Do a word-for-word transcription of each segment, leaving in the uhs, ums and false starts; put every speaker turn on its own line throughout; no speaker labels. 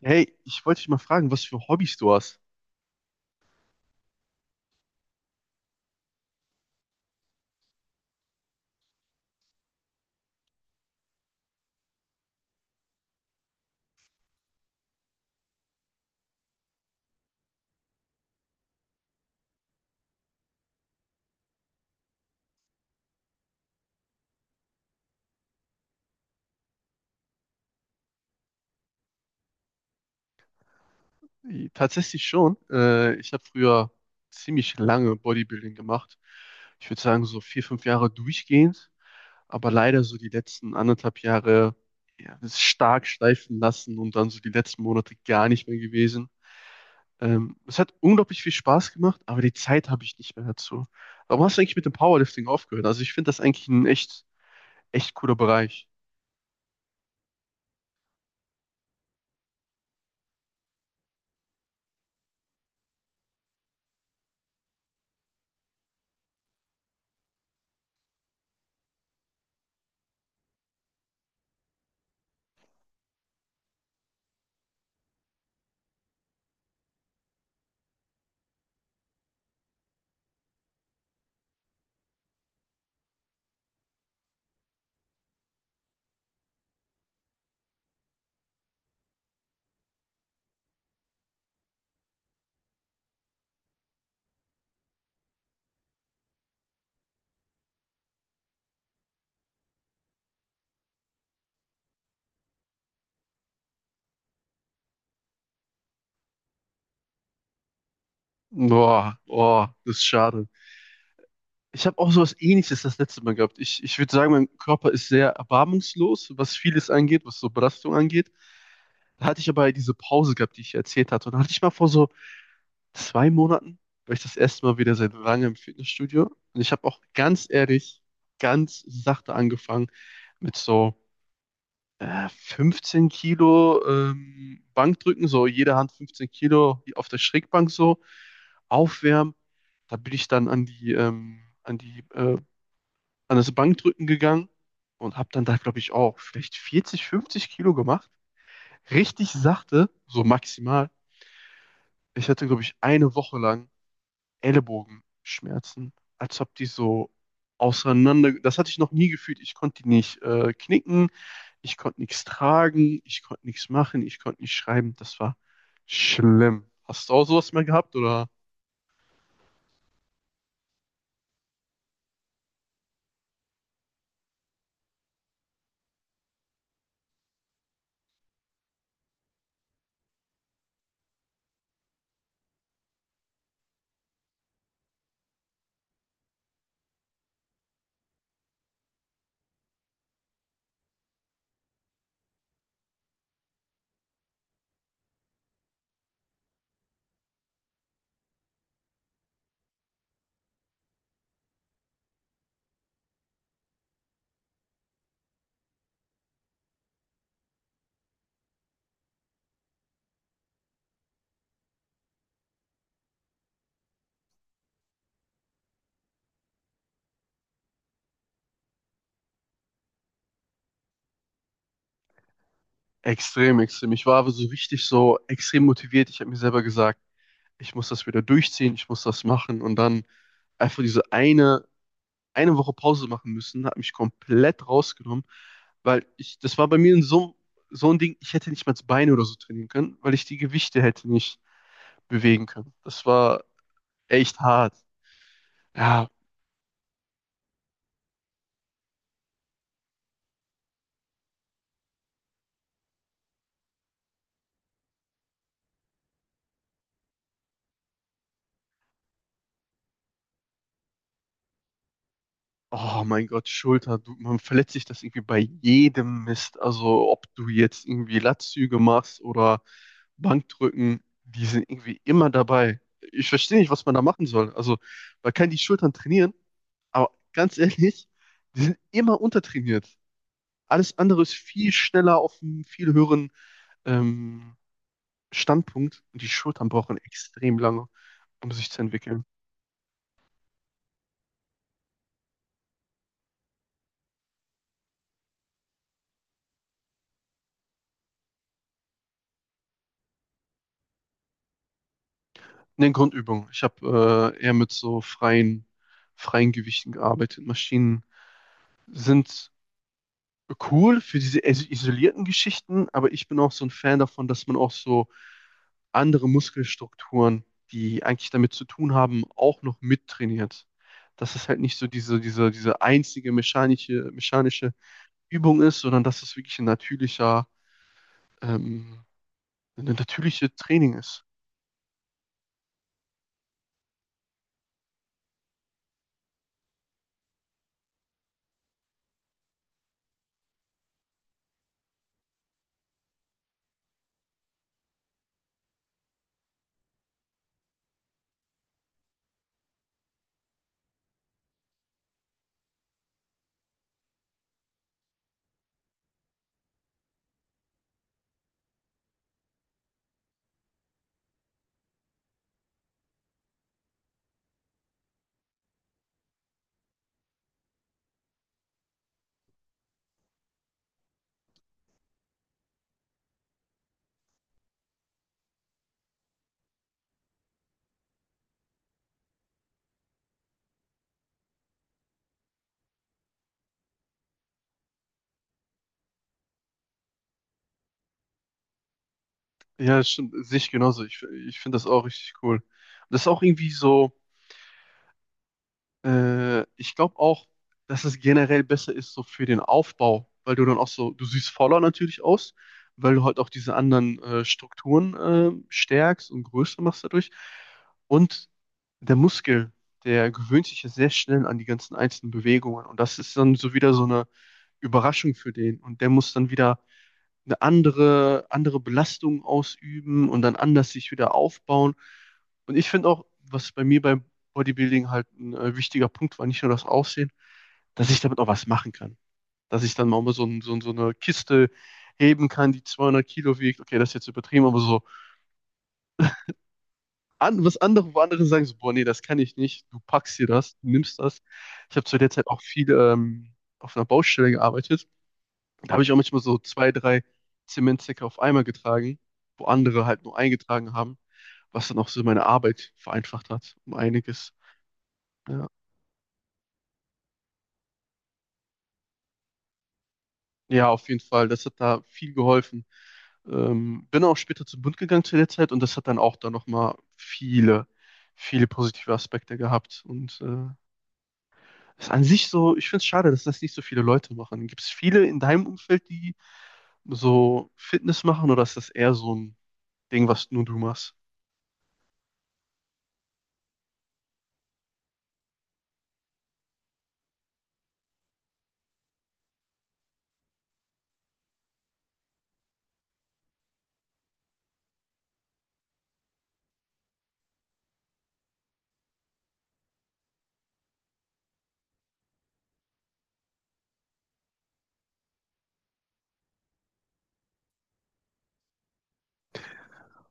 Hey, ich wollte dich mal fragen, was für Hobbys du hast. Äh, Tatsächlich schon. Äh, ich habe früher ziemlich lange Bodybuilding gemacht. Ich würde sagen, so vier, fünf Jahre durchgehend, aber leider so die letzten anderthalb Jahre ja, das stark schleifen lassen und dann so die letzten Monate gar nicht mehr gewesen. Ähm, es hat unglaublich viel Spaß gemacht, aber die Zeit habe ich nicht mehr dazu. Warum hast du eigentlich mit dem Powerlifting aufgehört? Also ich finde das eigentlich ein echt, echt cooler Bereich. Boah, boah, das ist schade. Ich habe auch sowas Ähnliches das letzte Mal gehabt. Ich, ich würde sagen, mein Körper ist sehr erbarmungslos, was vieles angeht, was so Belastung angeht. Da hatte ich aber diese Pause gehabt, die ich erzählt hatte. Und da hatte ich mal vor so zwei Monaten, war ich das erste Mal wieder seit langem im Fitnessstudio. Und ich habe auch ganz ehrlich, ganz sachte angefangen mit so äh, fünfzehn Kilo ähm, Bankdrücken, so jede Hand fünfzehn Kilo auf der Schrägbank so, aufwärmen. Da bin ich dann an die, ähm, an die äh, an das Bankdrücken gegangen und habe dann da, glaube ich, auch vielleicht vierzig, fünfzig Kilo gemacht. Richtig sachte, so maximal. Ich hatte, glaube ich, eine Woche lang Ellenbogenschmerzen, als ob die so auseinander. Das hatte ich noch nie gefühlt. Ich konnte die nicht äh, knicken, ich konnte nichts tragen, ich konnte nichts machen, ich konnte nicht schreiben. Das war schlimm. Hast du auch sowas mal gehabt oder? Extrem, extrem. Ich war aber so richtig so extrem motiviert. Ich habe mir selber gesagt, ich muss das wieder durchziehen, ich muss das machen und dann einfach diese eine, eine Woche Pause machen müssen, hat mich komplett rausgenommen, weil ich, das war bei mir so, so ein Ding, ich hätte nicht mal das Bein oder so trainieren können, weil ich die Gewichte hätte nicht bewegen können. Das war echt hart. Ja. Oh mein Gott, Schulter, du, man verletzt sich das irgendwie bei jedem Mist. Also ob du jetzt irgendwie Latzüge machst oder Bankdrücken, die sind irgendwie immer dabei. Ich verstehe nicht, was man da machen soll. Also man kann die Schultern trainieren, aber ganz ehrlich, die sind immer untertrainiert. Alles andere ist viel schneller auf einem viel höheren ähm, Standpunkt und die Schultern brauchen extrem lange, um sich zu entwickeln. In Grundübung. Ich habe äh, eher mit so freien, freien Gewichten gearbeitet. Maschinen sind cool für diese is- isolierten Geschichten, aber ich bin auch so ein Fan davon, dass man auch so andere Muskelstrukturen, die eigentlich damit zu tun haben, auch noch mittrainiert. Dass es halt nicht so diese, diese, diese einzige mechanische, mechanische Übung ist, sondern dass es wirklich ein natürlicher, ähm, ein natürliches Training ist. Ja, stimmt, sehe ich genauso. Ich, ich finde das auch richtig cool. Und das ist auch irgendwie so, äh, ich glaube auch, dass es generell besser ist so für den Aufbau, weil du dann auch so, du siehst voller natürlich aus, weil du halt auch diese anderen äh, Strukturen äh, stärkst und größer machst dadurch. Und der Muskel, der gewöhnt sich ja sehr schnell an die ganzen einzelnen Bewegungen. Und das ist dann so wieder so eine Überraschung für den. Und der muss dann wieder eine andere, andere Belastung ausüben und dann anders sich wieder aufbauen. Und ich finde auch, was bei mir beim Bodybuilding halt ein äh, wichtiger Punkt war, nicht nur das Aussehen, dass ich damit auch was machen kann. Dass ich dann mal so, ein, so, ein- so eine Kiste heben kann, die zweihundert Kilo wiegt. Okay, das ist jetzt übertrieben, aber so an, was andere, wo andere sagen, so, boah, nee, das kann ich nicht. Du packst dir das, du nimmst das. Ich habe zu der Zeit auch viel ähm, auf einer Baustelle gearbeitet. Da habe ich auch manchmal so zwei, drei Zementsäcke auf einmal getragen, wo andere halt nur eingetragen haben, was dann auch so meine Arbeit vereinfacht hat, um einiges. Ja, ja auf jeden Fall, das hat da viel geholfen. Ähm, bin auch später zum Bund gegangen zu der Zeit und das hat dann auch da nochmal viele, viele positive Aspekte gehabt. Und äh, ist an sich so, ich finde es schade, dass das nicht so viele Leute machen. Gibt es viele in deinem Umfeld, die so Fitness machen oder ist das eher so ein Ding, was nur du machst?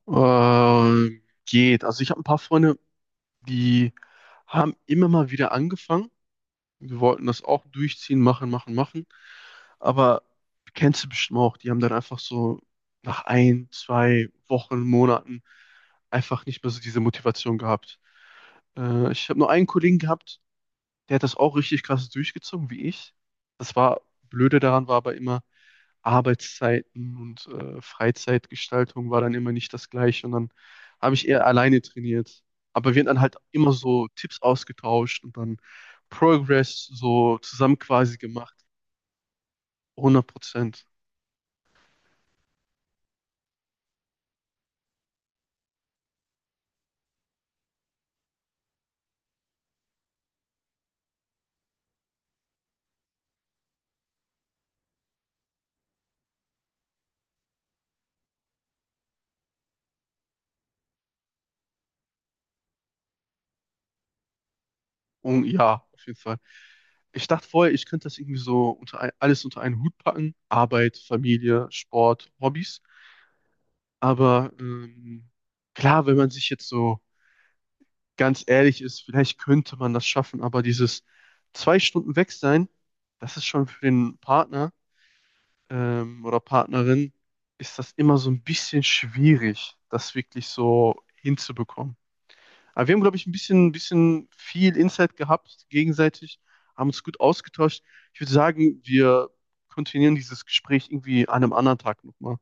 Ähm, geht. Also ich habe ein paar Freunde, die haben immer mal wieder angefangen. Wir wollten das auch durchziehen, machen, machen, machen. Aber kennst du bestimmt auch, die haben dann einfach so nach ein, zwei Wochen, Monaten einfach nicht mehr so diese Motivation gehabt. Äh, ich habe nur einen Kollegen gehabt, der hat das auch richtig krass durchgezogen, wie ich. Das war, Blöde daran war aber immer, Arbeitszeiten und äh, Freizeitgestaltung war dann immer nicht das Gleiche. Und dann habe ich eher alleine trainiert. Aber wir haben dann halt immer so Tipps ausgetauscht und dann Progress so zusammen quasi gemacht. hundert Prozent. Und ja, auf jeden Fall. Ich dachte vorher, ich könnte das irgendwie so unter ein, alles unter einen Hut packen. Arbeit, Familie, Sport, Hobbys. Aber ähm, klar, wenn man sich jetzt so ganz ehrlich ist, vielleicht könnte man das schaffen, aber dieses zwei Stunden weg sein, das ist schon für den Partner ähm, oder Partnerin, ist das immer so ein bisschen schwierig, das wirklich so hinzubekommen. Aber wir haben, glaube ich, ein bisschen, ein bisschen viel Insight gehabt, gegenseitig, haben uns gut ausgetauscht. Ich würde sagen, wir kontinuieren dieses Gespräch irgendwie an einem anderen Tag nochmal.